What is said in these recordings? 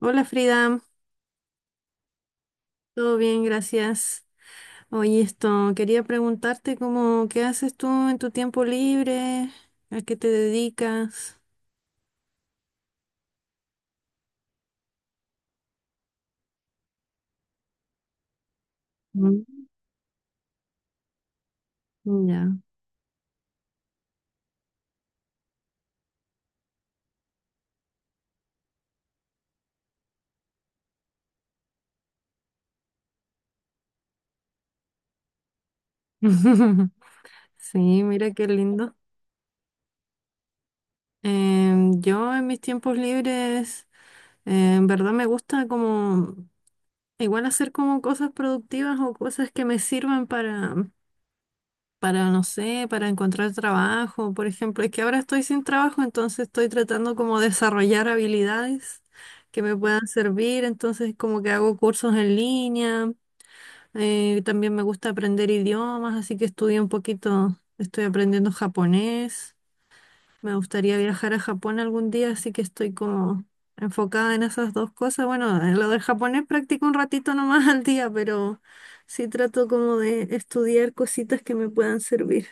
Hola Frida, todo bien, gracias. Oye, esto, quería preguntarte cómo, ¿qué haces tú en tu tiempo libre? ¿A qué te dedicas? Mm. Ya. Sí, mira qué lindo. Yo en mis tiempos libres, en verdad me gusta como igual hacer como cosas productivas o cosas que me sirvan para, no sé, para encontrar trabajo, por ejemplo. Es que ahora estoy sin trabajo, entonces estoy tratando como de desarrollar habilidades que me puedan servir, entonces como que hago cursos en línea. También me gusta aprender idiomas, así que estudié un poquito, estoy aprendiendo japonés, me gustaría viajar a Japón algún día, así que estoy como enfocada en esas dos cosas. Bueno, en lo del japonés practico un ratito nomás al día, pero sí trato como de estudiar cositas que me puedan servir.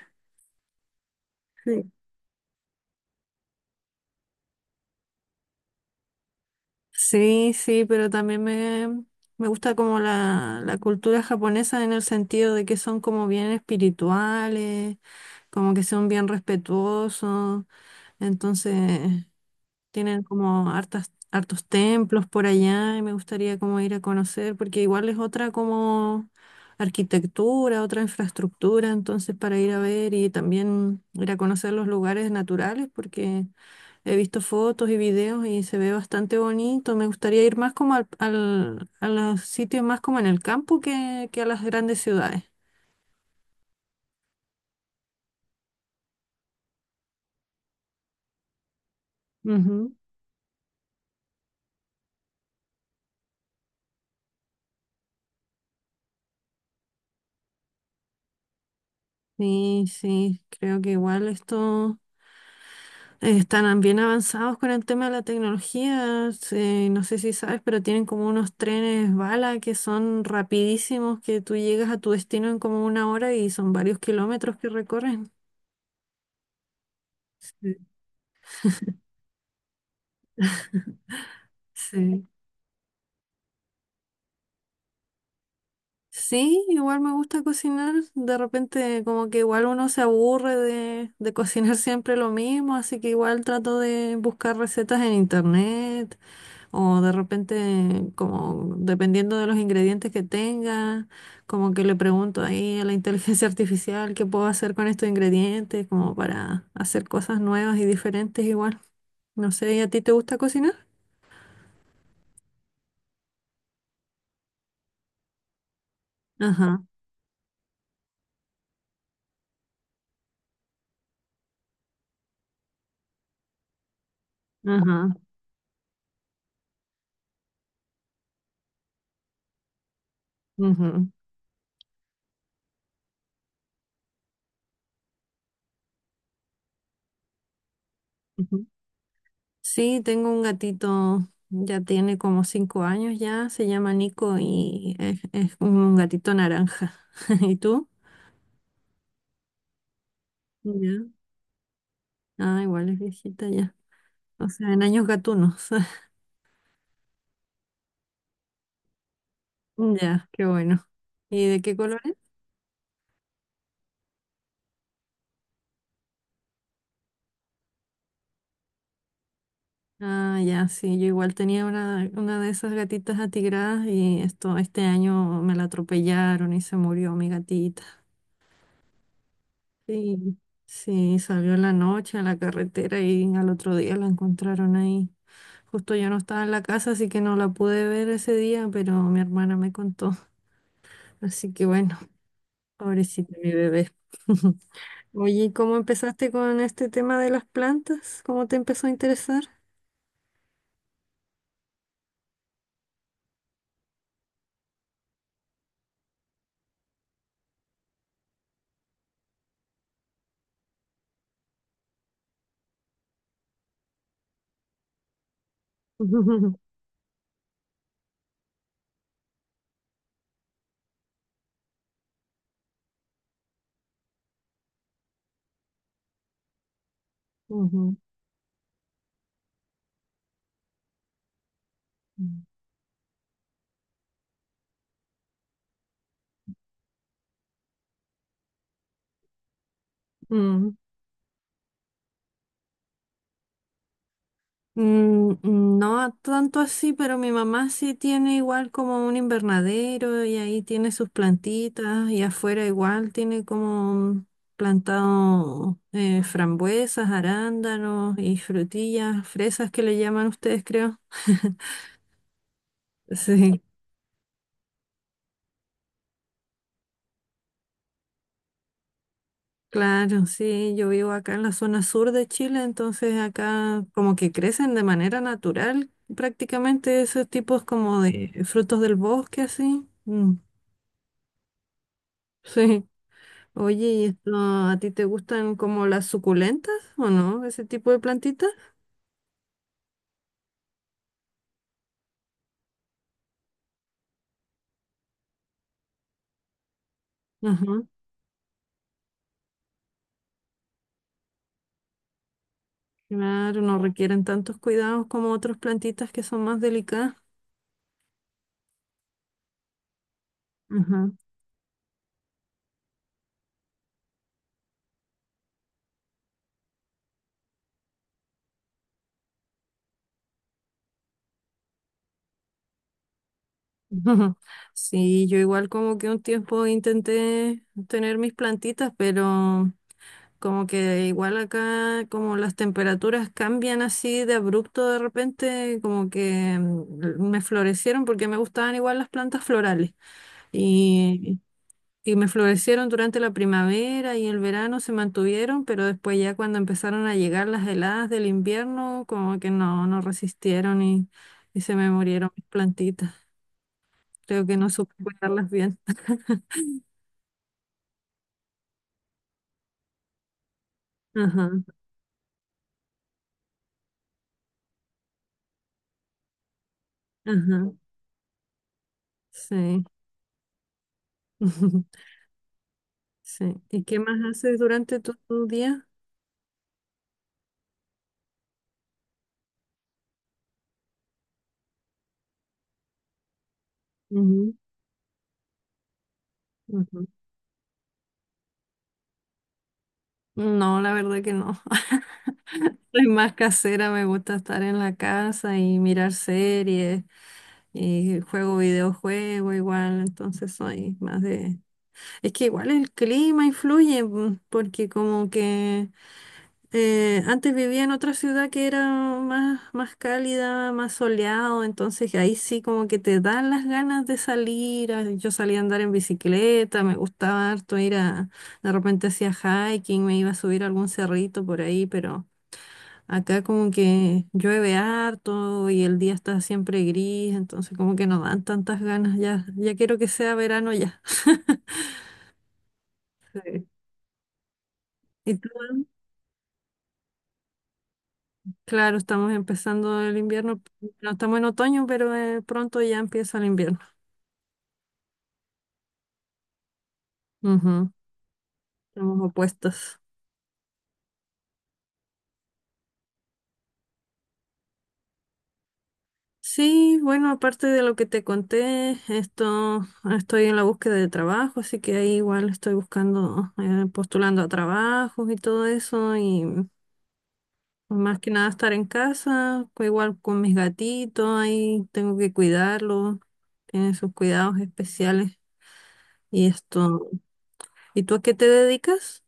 Sí, sí, pero también me gusta como la cultura japonesa en el sentido de que son como bien espirituales, como que son bien respetuosos, entonces tienen como hartas, hartos templos por allá y me gustaría como ir a conocer, porque igual es otra como arquitectura, otra infraestructura, entonces para ir a ver y también ir a conocer los lugares naturales, porque... He visto fotos y videos y se ve bastante bonito. Me gustaría ir más como a los sitios más como en el campo que a las grandes ciudades. Ujú. Sí, sí, creo que igual esto están bien avanzados con el tema de la tecnología. No sé si sabes, pero tienen como unos trenes bala que son rapidísimos, que tú llegas a tu destino en como una hora y son varios kilómetros que recorren. Sí. Sí. Sí, igual me gusta cocinar. De repente como que igual uno se aburre de cocinar siempre lo mismo, así que igual trato de buscar recetas en internet o de repente como dependiendo de los ingredientes que tenga, como que le pregunto ahí a la inteligencia artificial qué puedo hacer con estos ingredientes, como para hacer cosas nuevas y diferentes igual. No sé, ¿y a ti te gusta cocinar? Ajá, ajá, ujú, ujú. Sí, tengo un gatito, ya tiene como 5 años ya, se llama Nico y es un gatito naranja. ¿Y tú? Ya. Ah, igual es viejita ya. O sea, en años gatunos. Ya, qué bueno. ¿Y de qué colores? Ah, ya, sí, yo igual tenía una de esas gatitas atigradas y esto, este año me la atropellaron y se murió mi gatita. Sí, sí, salió en la noche a la carretera y al otro día la encontraron ahí. Justo yo no estaba en la casa, así que no la pude ver ese día, pero mi hermana me contó. Así que bueno, pobrecita mi bebé. Oye, ¿y ¿cómo empezaste con este tema de las plantas? ¿Cómo te empezó a interesar? Ujú. Mm, No tanto así, pero mi mamá sí tiene igual como un invernadero y ahí tiene sus plantitas y afuera igual tiene como plantado frambuesas, arándanos y frutillas, fresas que le llaman ustedes, creo. Sí, claro, sí, yo vivo acá en la zona sur de Chile, entonces acá como que crecen de manera natural prácticamente esos tipos como de frutos del bosque, así. Mm. Sí. Oye, ¿y esto a ti te gustan como las suculentas o no? Ese tipo de plantitas. Ajá. Claro, no requieren tantos cuidados como otras plantitas que son más delicadas. Ajá. Sí, yo igual como que un tiempo intenté tener mis plantitas, pero como que igual acá como las temperaturas cambian así de abrupto de repente, como que mm, me florecieron porque me gustaban igual las plantas florales. Y, Y me florecieron durante la primavera y el verano se mantuvieron, pero después ya cuando empezaron a llegar las heladas del invierno, como que no, no resistieron y se me murieron mis plantitas. Creo que no supe cuidarlas bien. Ajá, ajá, sí. Sí. ¿Y qué más haces durante tu día? Ujú, ujú. No, la verdad que no. Soy más casera, me gusta estar en la casa y mirar series. Y juego videojuego igual, entonces soy más de... Es que igual el clima influye, mm, porque como que antes vivía en otra ciudad que era más cálida, más soleado, entonces ahí sí como que te dan las ganas de salir. Yo salía a andar en bicicleta, me gustaba harto ir a... De repente hacía hiking, me iba a subir a algún cerrito por ahí, pero... Acá como que llueve harto y el día está siempre gris, entonces como que no dan tantas ganas ya. Ya quiero que sea verano ya. Sí. ¿Y tú? Claro, estamos empezando el invierno, no estamos en otoño, pero pronto ya empieza el invierno. Ujú. Estamos opuestas. Sí, bueno, aparte de lo que te conté, esto estoy en la búsqueda de trabajo, así que ahí igual estoy buscando, postulando a trabajos y todo eso, y más que nada estar en casa, igual con mis gatitos, ahí tengo que cuidarlos, tienen sus cuidados especiales y esto. ¿Y tú a qué te dedicas?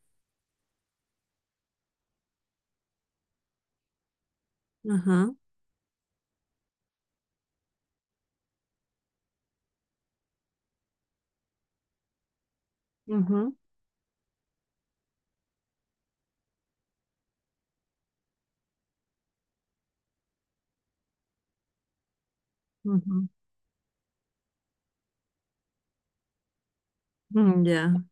Ajá, ujú, ujú, mm. Ya.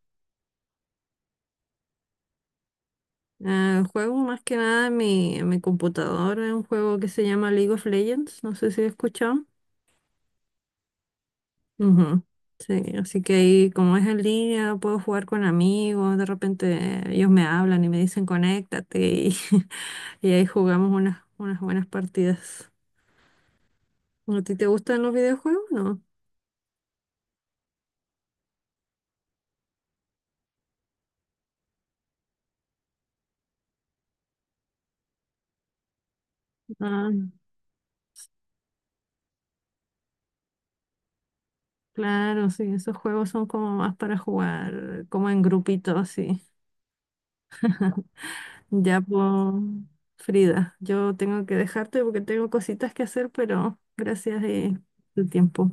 Juego más que nada en mi computadora, un juego que se llama League of Legends, no sé si lo has escuchado. Ujú. Sí, así que ahí como es en línea, puedo jugar con amigos, de repente ellos me hablan y me dicen conéctate y, y ahí jugamos unas buenas partidas. ¿A ti te gustan los videojuegos? No. Ah, claro, sí, esos juegos son como más para jugar, como en grupitos, sí. Ya, pues, Frida, yo tengo que dejarte porque tengo cositas que hacer, pero gracias de tu tiempo.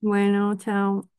Bueno, chao.